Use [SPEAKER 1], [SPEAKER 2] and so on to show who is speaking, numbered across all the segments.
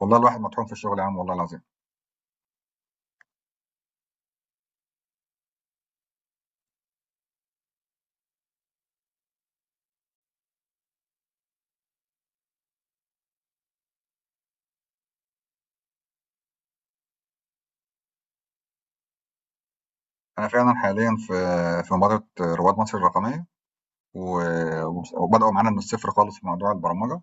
[SPEAKER 1] والله الواحد مطحون في الشغل يا عم، والله العظيم. انا فعلا حاليا في مبادره رواد مصر الرقميه، و- وبداوا معانا من الصفر خالص في موضوع البرمجه.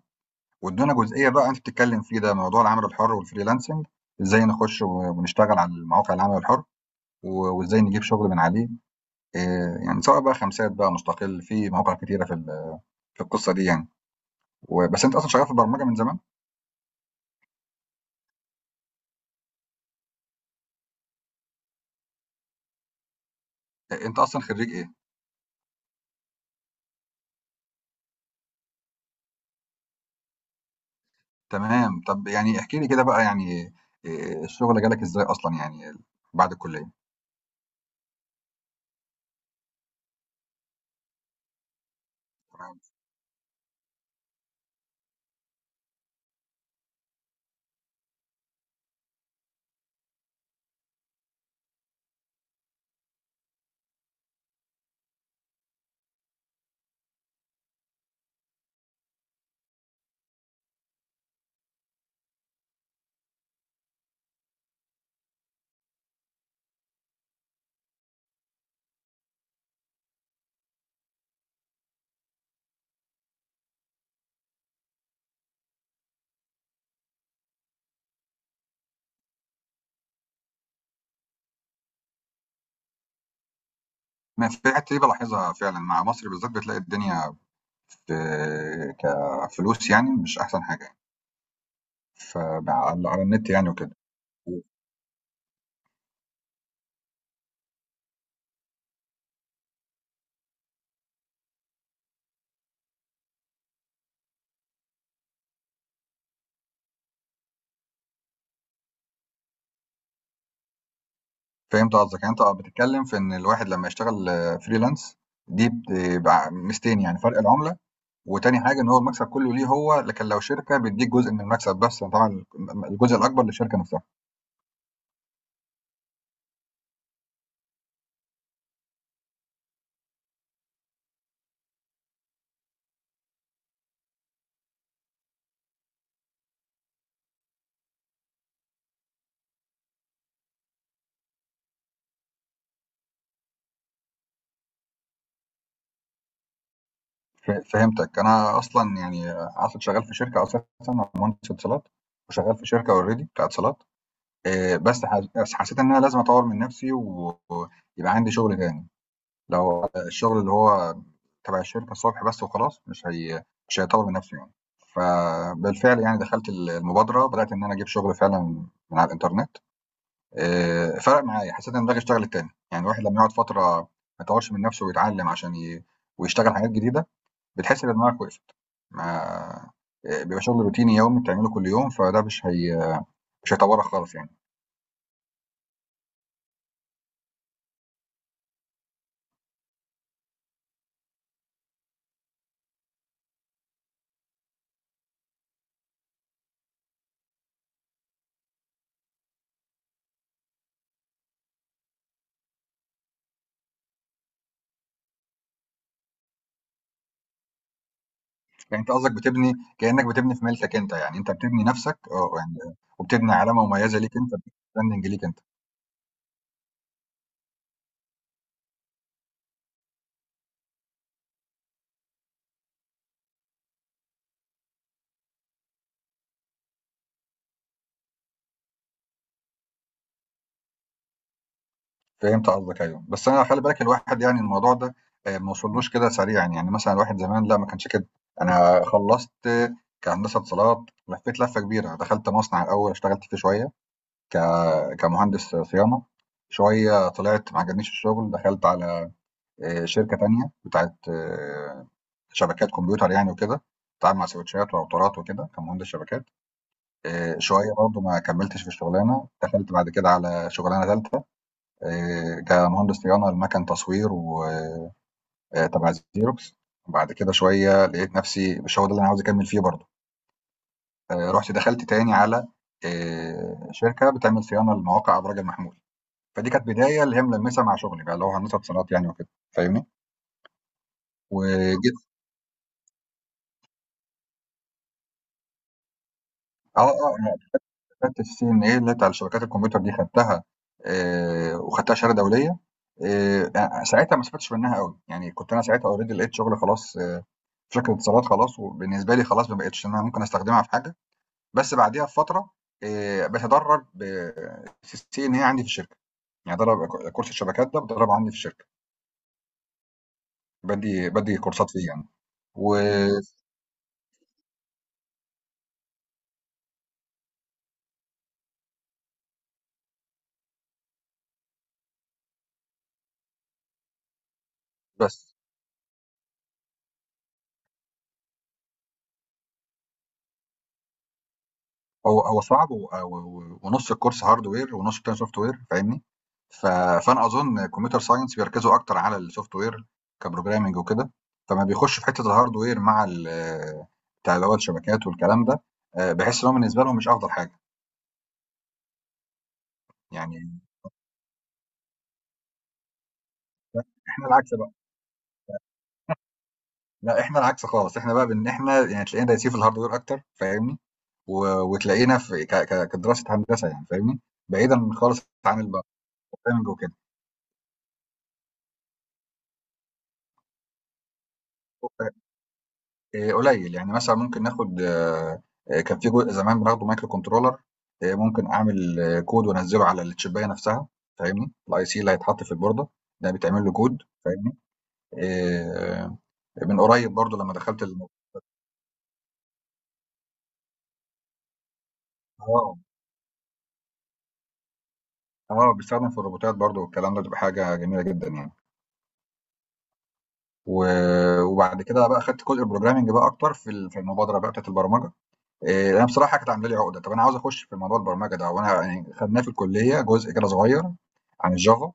[SPEAKER 1] وادونا جزئيه بقى انت بتتكلم فيه، ده موضوع العمل الحر والفريلانسنج، ازاي نخش ونشتغل على المواقع العمل الحر، وازاي نجيب شغل من عليه. إيه يعني، سواء بقى خمسات بقى مستقل، في مواقع كتيره في القصه دي يعني. بس انت اصلا شغال في البرمجه من زمان. إيه، انت اصلا خريج ايه؟ تمام، طب يعني احكي لي كده بقى يعني، إيه، الشغل جالك ازاي اصلا يعني، بعد الكليه. ما في الحته دي بلاحظها فعلا مع مصر بالذات، بتلاقي الدنيا في كفلوس يعني، مش احسن حاجه يعني. ف على النت يعني وكده. فهمت قصدك، يعني انت بتتكلم في ان الواحد لما يشتغل فريلانس، دي بتبقى ميزتين، يعني فرق العمله، وتاني حاجه ان هو المكسب كله ليه هو، لكن لو شركه بيديك جزء من المكسب بس يعني، طبعا الجزء الاكبر للشركه نفسها. فهمتك، انا اصلا يعني اصلا شغال في شركه اساسا. أنا مهندس اتصالات، وشغال في شركه اوريدي بتاعت اتصالات. بس حسيت ان انا لازم اطور من نفسي، ويبقى عندي شغل تاني. لو الشغل اللي هو تبع الشركه الصبح بس وخلاص، مش هيطور من نفسي يعني. فبالفعل يعني دخلت المبادره، بدات ان انا اجيب شغل فعلا من على الانترنت. فرق معايا، حسيت ان دماغي اشتغلت تاني، يعني الواحد لما يقعد فتره ما يطورش من نفسه ويتعلم عشان ويشتغل حاجات جديده، بتحس ان دماغك وقفت. ما بيبقى شغل روتيني يومي بتعمله كل يوم، فده مش هيطورك خالص يعني. يعني أنت قصدك بتبني، كأنك بتبني في ملكك أنت، يعني أنت بتبني نَفْسك، يعني وبتبني علامة مميزة ليك أنت، براندنج ليك أنت. فهمت قصدك، أيوه، بس أنا خلّي بالك، الواحد يعني، الموضوع ده ما وصلّوش كده سريعًا، يعني مثلًا الواحد زمان لأ، ما كانش كده. أنا خلّصت كهندسة اتصالات، لفّيت لَفّة كبيرة، دخلت مصنع الأول، اشتغلت فيه شوية ك كمهندس صيانة. شوية طلعت ما عجبنيش الشغل، دخلت على شركة تانية بتاعة شبكات كمبيوتر يعني وكده، باتعامل مع سويتشات وراوترات وكده كمهندس شبكات. شوية برضه ما كمّلتش في الشغلانة، دخلت بعد كده على شغلانة تالتة، كمهندس صيانة لمَكَن تصوير، و تبع Xerox. وبعد كده شوية لقيت نَفْسي مش هو ده اللي أنا عاوز أكمّل فيه برضه. رُحت دخلت تاني على شركة بتعمل صيانة لمواقع أبراج المحمول. فدي كانت بداية اللي هي ملمّسة مع شغلي بقى، اللي هو هندسة صالات يعني وكده، فاهمني؟ وجيت. آه، آه. شهادة الCNA اللي هي بتاع شبكات الكمبيوتر دي خدتها، وخدتها شهادة دولية. أ ساعتها ما استفدتش منها أوي، يعني كنت أنا ساعتها already لقيت شغل خلاص، في شركة اتصالات خلاص، وبالنسبة لي خلاص ما بقتش إن أنا ممكن أستخدمها في حاجة. بس بعديها بفترة باتدرب في الCNA عندي في الشركة، يعني باتدرب كورس الشبكات ده باتدربه عندي في الشركة، بادّي كورسات فيه يعني. إمم. وبس. هو صعب ونص الكورس هاردوير ونص التاني سوفت وير، فاهمني؟ ف- فانا اظن كمبيوتر ساينس بيركزوا اكتر على السوفت وير كبروجرامنج وكده، فما بيخش في حته الهاردوير بتاع اللي هو الشبكات والكلام ده. بحس ان هو بالنسبه لهم مش افضل حاجه يعني. احنا العكس بقى، لا احنا العكس خالص، احنا بقى بان احنا يعني تلاقينا دايسين في الهاردوير اكتر، فاهمني؟ وتلاقينا في كدراسه هندسه يعني، فاهمني؟ بعيدا خالص عن البروجرامنج وكده. قليل يعني، مثلا ممكن ناخد، كان في جزء زمان بناخده مايكرو كنترولر. ممكن اعمل كود وانزله على الشبايه نفسها، فاهمني؟ الاي سي اللي هيتحط في البورده ده بيتعمل له كود، فاهمني؟ آه، من قريب برضو لما دخلت اه، اه، بيستخدم في الروبوتات برضو والكلام ده، بتبقى حاجه جميله جدا يعني. و... وبعد كده بقى خدت جزء البروجرامنج بقى اكتر في المبادره بقى بتاعت البرمجه. انا بصراحه كانت عامله لي عقده، طب انا عاوز اخش في موضوع البرمجه ده، وانا يعني خدناه في الكليه جزء كده صغير عن الجافا،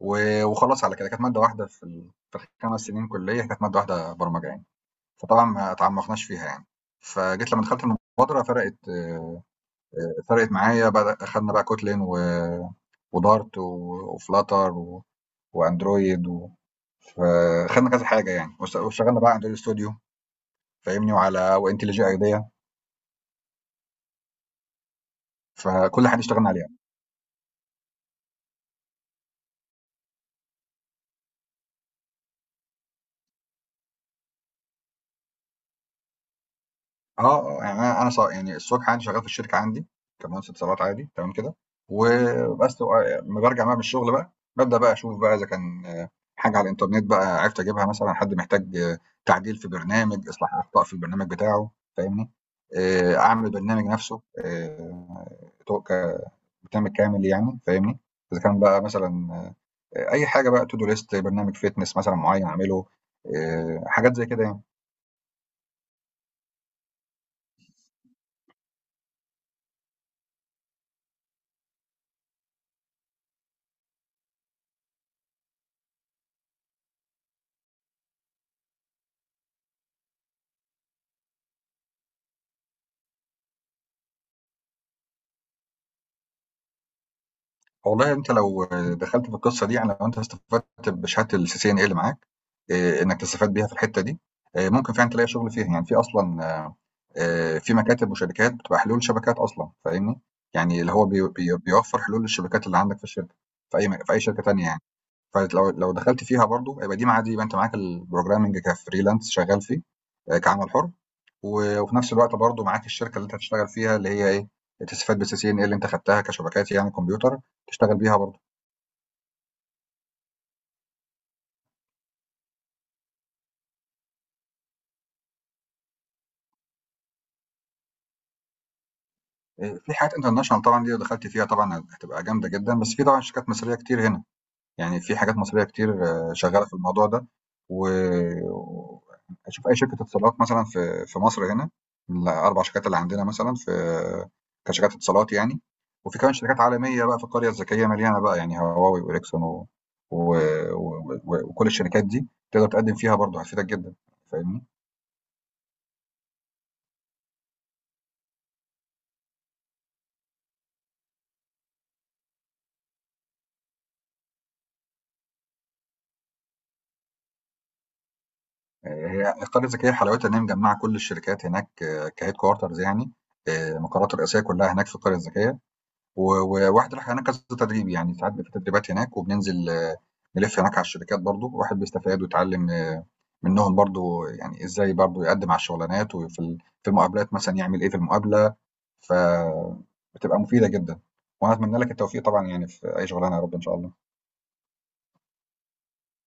[SPEAKER 1] وخلاص على كده كانت ماده واحده في ال5 سنين كليه، كانت ماده واحده برمجه يعني، فطبعا ما تعمقناش فيها يعني. فجيت لما دخلت المبادره، فرقت معايا، بقى اخدنا بقى كوتلين ودارت وفلاتر واندرويد فخدنا كذا حاجه يعني، واشتغلنا بقى على اندرويد ستوديو، فاهمني؟ وعلى وانتليجي ايديا، فكل حاجه اشتغلنا عليها. آه، آه، يعني أنا يعني الصبح عندي شغّال في الشركة عندي كمهندس اتصالات عادي تمام كده. وبس، أمّا بارجع بقى من الشغل بقى، بابدأ بقى أشوف بقى إذا كان حاجة على الإنترنت بقى عرفت أجيبها مثلًا، حد محتاج تعديل في برنامج، إصلاح أخطاء في البرنامج بتاعه، فاهمني؟ أعمل البرنامج نفسه، تو ك برنامج كامل يعني، فاهمني؟ إذا كان بقى مثلًا، أي حاجة بقى to do list، برنامج fitness مثلًا معيّن أعمله، حاجات زي كده يعني. والله انت لو دخلت في القصه دي، يعني لو انت استفدت بشهاده الCCNA اللي معاك، إيه، انك تستفاد بيها في الحته دي، إيه، ممكن فعلا تلاقي شغل فيها يعني، في اصلا في مكاتب وشركات بتبقى حلول شبكات اصلا، فاهمني؟ يعني اللي هو بيوفر حلول للشبكات اللي عندك في الشركه، في اي شركه تانيه يعني. لو دخلت فيها برضو، يبقى دي مع دي، يبقى انت معاك البروجرامنج كفريلانس شغال فيه، كعمل حر، وفي نفس الوقت برضو معاك الشركه اللي انت هتشتغل فيها، اللي هي ايه، تستفاد بالسي سي ان اي اللي انت خدتها كشبكات يعني كمبيوتر، تشتغل بيها برضو. في حاجات international طبعًا، دي لو دخلتِ فيها طبعًا هتبقى جامدة جدًا، بس في طبعًا شركات مصرية كتير هنا، يعني في حاجات مصرية كتير شغّالة في الموضوع ده. و أشوف أي شركة اتصالات مثلًا في مصر هنا، من ال4 شركات اللي عندنا مثلًا في، كشركات اتصالات يعني، وفي كمان شركات عالمية بقى في القرية الذكية مليانة بقى، يعني هواواي وإريكسون و و و و وكل الشركات دي تقدر تقدّم فيها برضه، هتفيدك جدًا، فاهمني؟ هي القرية الذكية حلاوتها إن هي مجمعة كل الشركات هناك، كهيد كوارترز يعني، المقرات الرئيسية كلها هناك في القرية الذكية، وواحد راح هناك كذا تدريب يعني، ساعات بيبقى في تدريبات هناك، وبننزل نلف هناك على الشركات، برضو الواحد بيستفاد ويتعلم منهم برضو، يعني إزاي برضو يقدم على الشغلانات، في المقابلات مثلا يعمل إيه في المقابلة، فبتبقى مفيدة جدا. وأنا أتمنى لك التوفيق طبعا يعني في أي شغلانة، يا رب إن شاء الله.